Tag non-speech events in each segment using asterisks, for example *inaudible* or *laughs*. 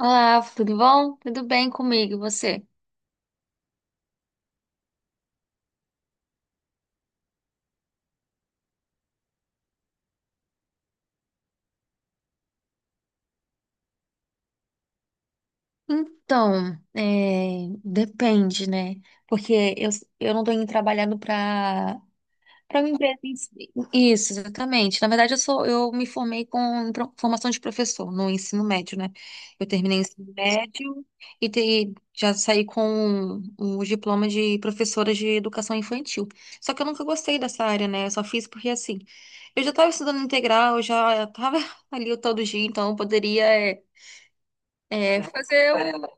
Olá, tudo bom? Tudo bem comigo, e você? Então, depende, né? Porque eu não tô indo trabalhando Para uma empresa em si. Isso, exatamente. Na verdade, eu me formei com formação de professor no ensino médio, né? Eu terminei o ensino médio e já saí com o diploma de professora de educação infantil. Só que eu nunca gostei dessa área, né? Eu só fiz porque assim, eu já estava estudando integral, eu já estava *laughs* ali todo dia, então eu poderia é, fazer uma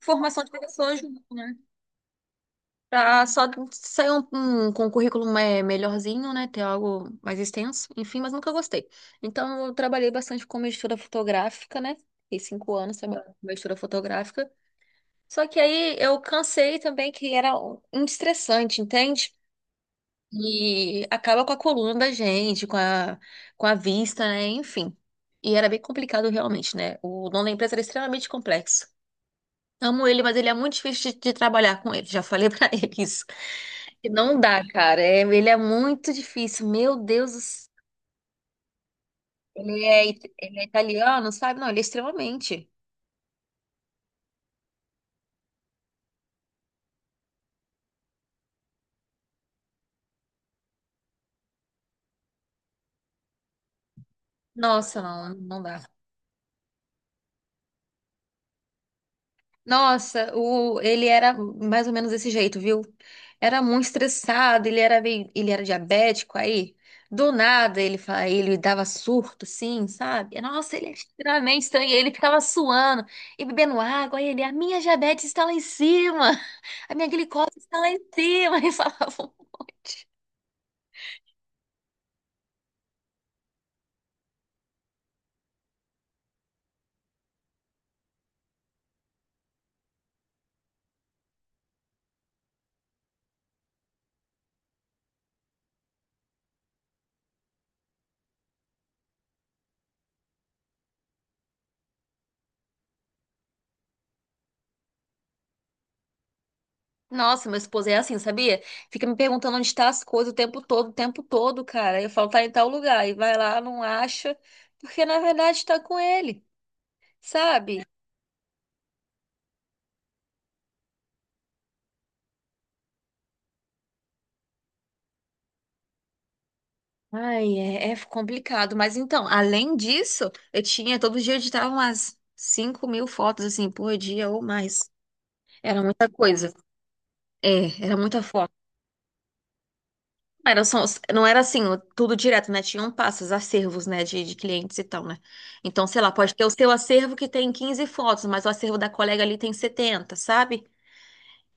formação de professor junto, né? Pra só sair com um currículo melhorzinho, né? Ter algo mais extenso, enfim, mas nunca gostei. Então, eu trabalhei bastante com mistura fotográfica, né? Fiquei 5 anos trabalhando com mistura fotográfica. Só que aí eu cansei também, que era um estressante, entende? E acaba com a coluna da gente, com a vista, né? Enfim. E era bem complicado realmente, né? O dono da empresa era extremamente complexo. Amo ele, mas ele é muito difícil de trabalhar com ele. Já falei *laughs* pra ele isso. Que não dá, cara. É, ele é muito difícil. Meu Deus do céu. Ele é italiano, sabe? Não, ele é extremamente. Nossa, não, não dá. Nossa, ele era mais ou menos desse jeito, viu? Era muito estressado, ele era diabético, aí do nada ele dava surto, assim, sabe? Nossa, ele é extremamente estranho, ele ficava suando e bebendo água, aí ele, a minha diabetes está lá em cima, *laughs* a minha glicose está lá em cima, *laughs* ele falava um monte. Nossa, meu esposo é assim, sabia? Fica me perguntando onde tá as coisas o tempo todo, cara. Eu falo, tá em tal lugar. E vai lá, não acha, porque na verdade tá com ele, sabe? Ai, é, é complicado. Mas então, além disso, eu tinha, todo dia eu editava umas 5.000 fotos, assim, por dia ou mais. Era muita coisa. É, era muita foto. Era só- não era assim, tudo direto, né? Tinham passos, acervos, né, de clientes e tal, né? Então, sei lá, pode ter o seu acervo que tem 15 fotos, mas o acervo da colega ali tem 70, sabe?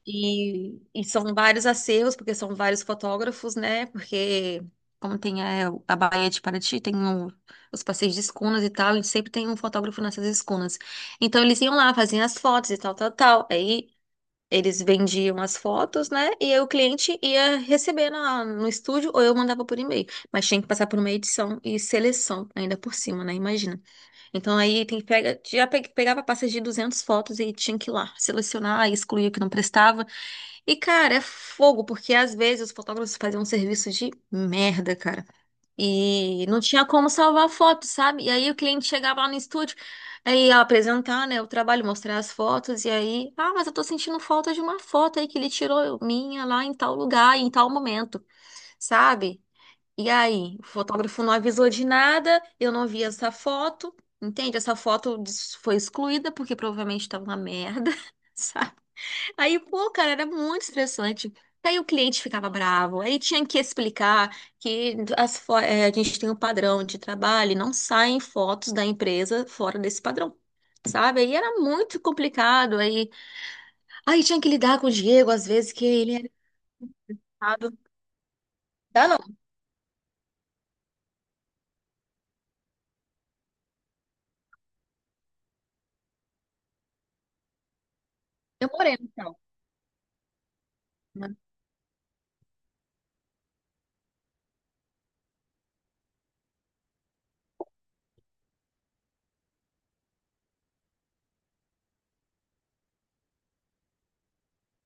E são vários acervos, porque são vários fotógrafos, né? Porque, como tem a Baía de Paraty, os passeios de escunas e tal, e sempre tem um fotógrafo nessas escunas. Então, eles iam lá, faziam as fotos e tal, tal, tal. Aí eles vendiam as fotos, né? E aí o cliente ia receber no estúdio ou eu mandava por e-mail. Mas tinha que passar por uma edição e seleção ainda por cima, né? Imagina. Então aí tem que pega, já pe- pegava pastas de 200 fotos e tinha que ir lá selecionar, excluir o que não prestava. E, cara, é fogo, porque às vezes os fotógrafos faziam um serviço de merda, cara. E não tinha como salvar foto, sabe? E aí o cliente chegava lá no estúdio, aí ia apresentar, né, o trabalho, mostrar as fotos, e aí, ah, mas eu tô sentindo falta de uma foto aí que ele tirou minha lá em tal lugar, em tal momento, sabe? E aí, o fotógrafo não avisou de nada, eu não vi essa foto, entende? Foi excluída porque provavelmente tava uma merda. *laughs* Aí, pô, cara, era muito estressante. Aí o cliente ficava bravo, aí tinha que explicar que a gente tem um padrão de trabalho e não saem fotos da empresa fora desse padrão, sabe? Aí era muito complicado, aí tinha que lidar com o Diego, às vezes, que ele era errado. Dá não, demorei.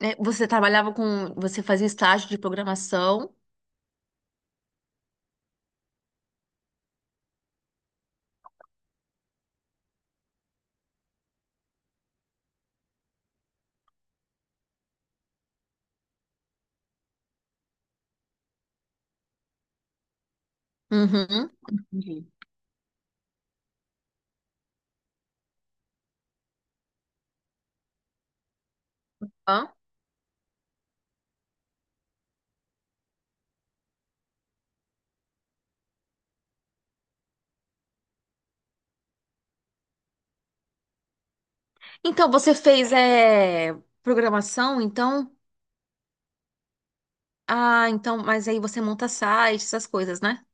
Né? Você trabalhava com, você fazia estágio de programação. Uhum. Entendi. Hã? Então, você fez programação, então... Ah, então, mas aí você monta sites, essas coisas, né?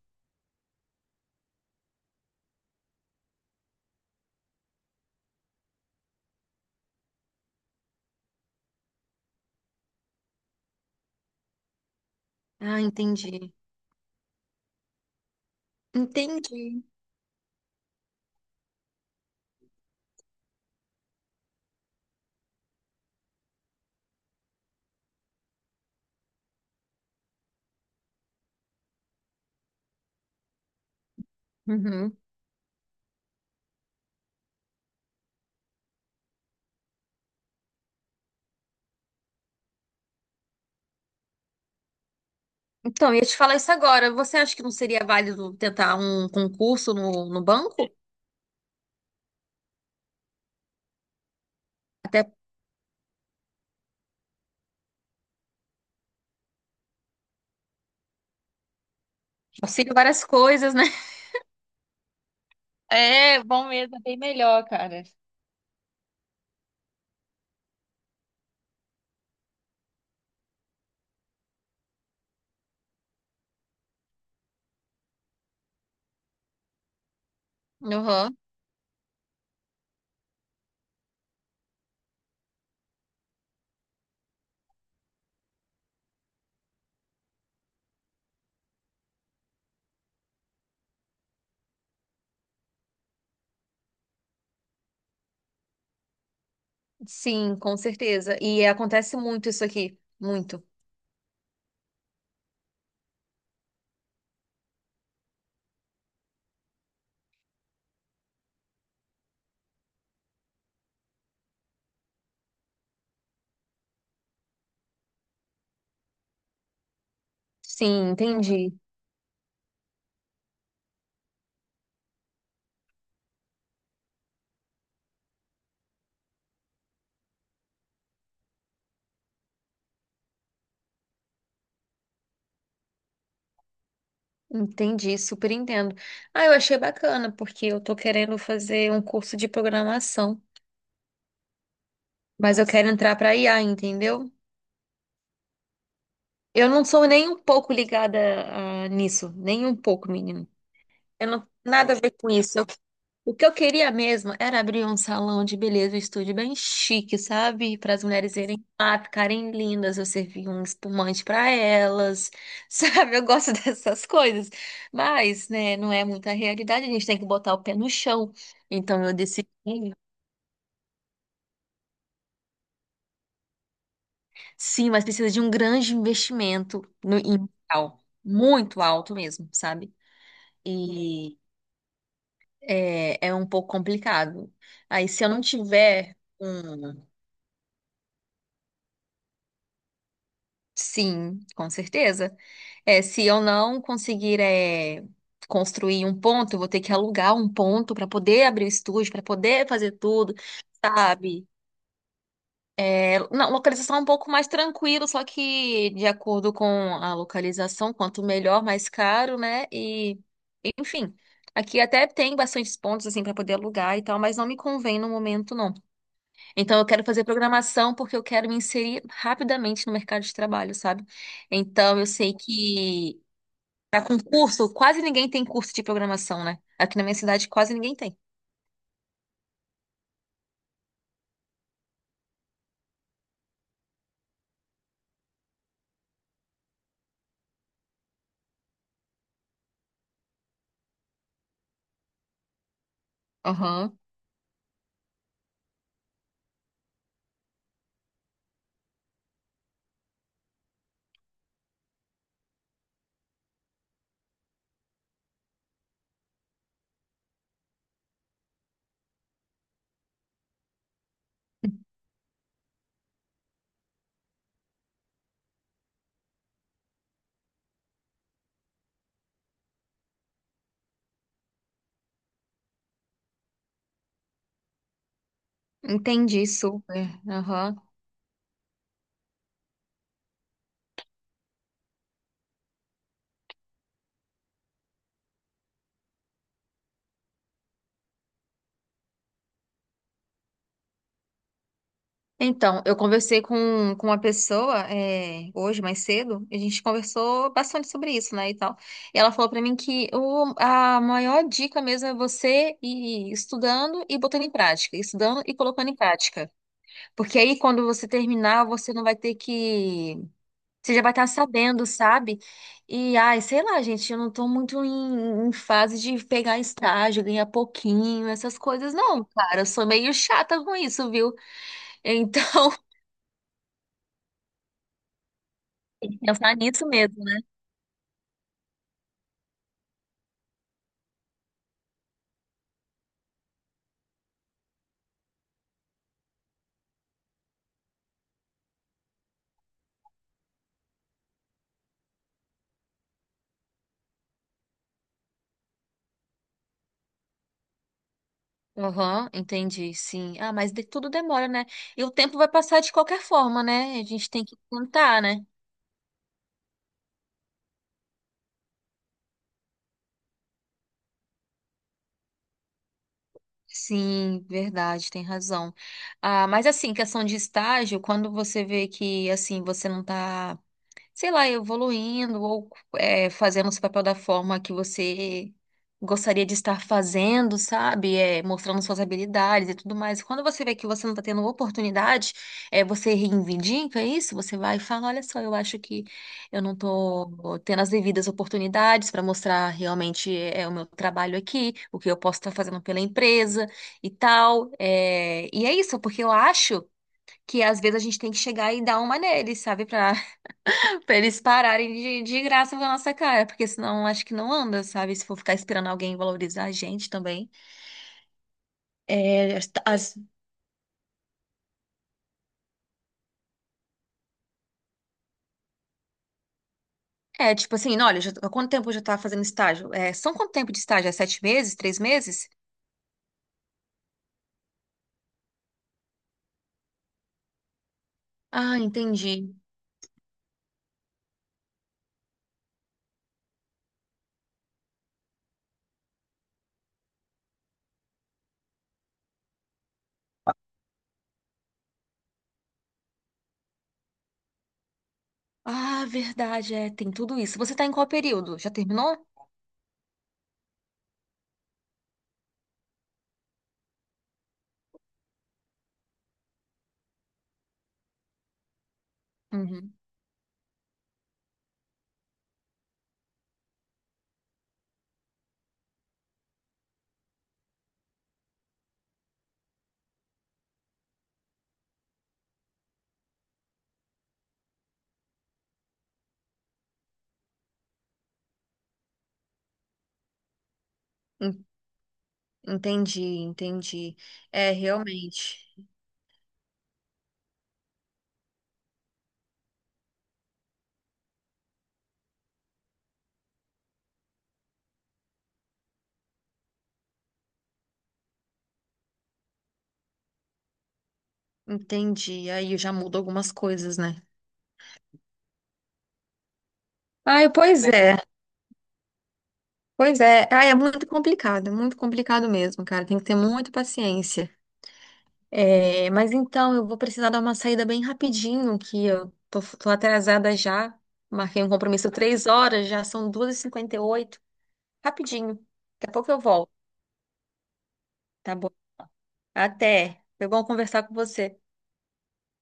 Ah, entendi. Entendi. Uhum. Então, eu ia te falar isso agora. Você acha que não seria válido tentar um concurso no banco? Até auxílio várias coisas, né? É, bom mesmo, é bem melhor, cara. Uhum. Sim, com certeza. E acontece muito isso aqui. Muito. Sim, entendi. Entendi, super entendo. Ah, eu achei bacana, porque eu tô querendo fazer um curso de programação, mas eu quero entrar pra IA, entendeu? Eu não sou nem um pouco ligada, ah, nisso, nem um pouco, menino. Eu não, nada a ver com isso. Eu- o que eu queria mesmo era abrir um salão de beleza, um estúdio bem chique, sabe? Para as mulheres irem lá, ficarem lindas, eu servir um espumante para elas, *laughs* sabe? Eu gosto *laughs* dessas coisas. Mas, né, não é muita realidade, a gente tem que botar o pé no chão. Então eu decidi, sim, mas precisa de um grande investimento no inicial, muito alto mesmo, sabe? E é, é um pouco complicado. Aí, se eu não tiver um sim, com certeza. É, se eu não conseguir construir um ponto, eu vou ter que alugar um ponto para poder abrir o estúdio, para poder fazer tudo, sabe? É, não, localização é um pouco mais tranquilo, só que de acordo com a localização, quanto melhor, mais caro, né? E, enfim, aqui até tem bastantes pontos assim para poder alugar e tal, mas não me convém no momento, não. Então, eu quero fazer programação porque eu quero me inserir rapidamente no mercado de trabalho, sabe? Então, eu sei que para concurso, quase ninguém tem curso de programação, né? Aqui na minha cidade, quase ninguém tem. Aham. Entendi, super. Aham. Então, eu conversei com uma pessoa hoje, mais cedo, e a gente conversou bastante sobre isso, né, e tal. E ela falou pra mim que a maior dica mesmo é você ir estudando e botando em prática, estudando e colocando em prática. Porque aí, quando você terminar, você não vai ter que. Você já vai estar sabendo, sabe? E, ai, sei lá, gente, eu não tô muito em fase de pegar estágio, ganhar pouquinho, essas coisas, não, cara. Eu sou meio chata com isso, viu? Então, *laughs* tem que pensar nisso mesmo, né? Aham, entendi, sim. Ah, mas tudo demora, né? E o tempo vai passar de qualquer forma, né? A gente tem que tentar, né? Sim, verdade, tem razão. Ah, mas assim, questão de estágio, quando você vê que assim, você não tá sei lá, evoluindo ou fazendo esse papel da forma que você gostaria de estar fazendo, sabe? É, mostrando suas habilidades e tudo mais. Quando você vê que você não está tendo oportunidade, é, você reivindica isso, você vai e fala, olha só, eu acho que eu não estou tendo as devidas oportunidades para mostrar realmente o meu trabalho aqui, o que eu posso estar fazendo pela empresa e tal. É, e é isso, porque eu acho que às vezes a gente tem que chegar e dar uma nele, sabe? Pra pra eles pararem de graça com a nossa cara, porque senão acho que não anda, sabe? Se for ficar esperando alguém valorizar a gente também. É, é tipo assim, olha, há quanto tempo eu já tava fazendo estágio? É, são quanto tempo de estágio? É 7 meses? 3 meses? Ah, entendi. Ah, verdade, é, tem tudo isso. Você tá em qual período? Já terminou? Uhum. En- Entendi, entendi. É, realmente. Entendi. Aí já muda algumas coisas, né? Ai, pois é. Pois é, ah, é muito complicado mesmo, cara. Tem que ter muita paciência. É, mas então eu vou precisar dar uma saída bem rapidinho, que eu tô atrasada já. Marquei um compromisso 3 horas, já são 2:58. Rapidinho. Daqui a pouco eu volto, tá bom? Até. Foi bom conversar com você.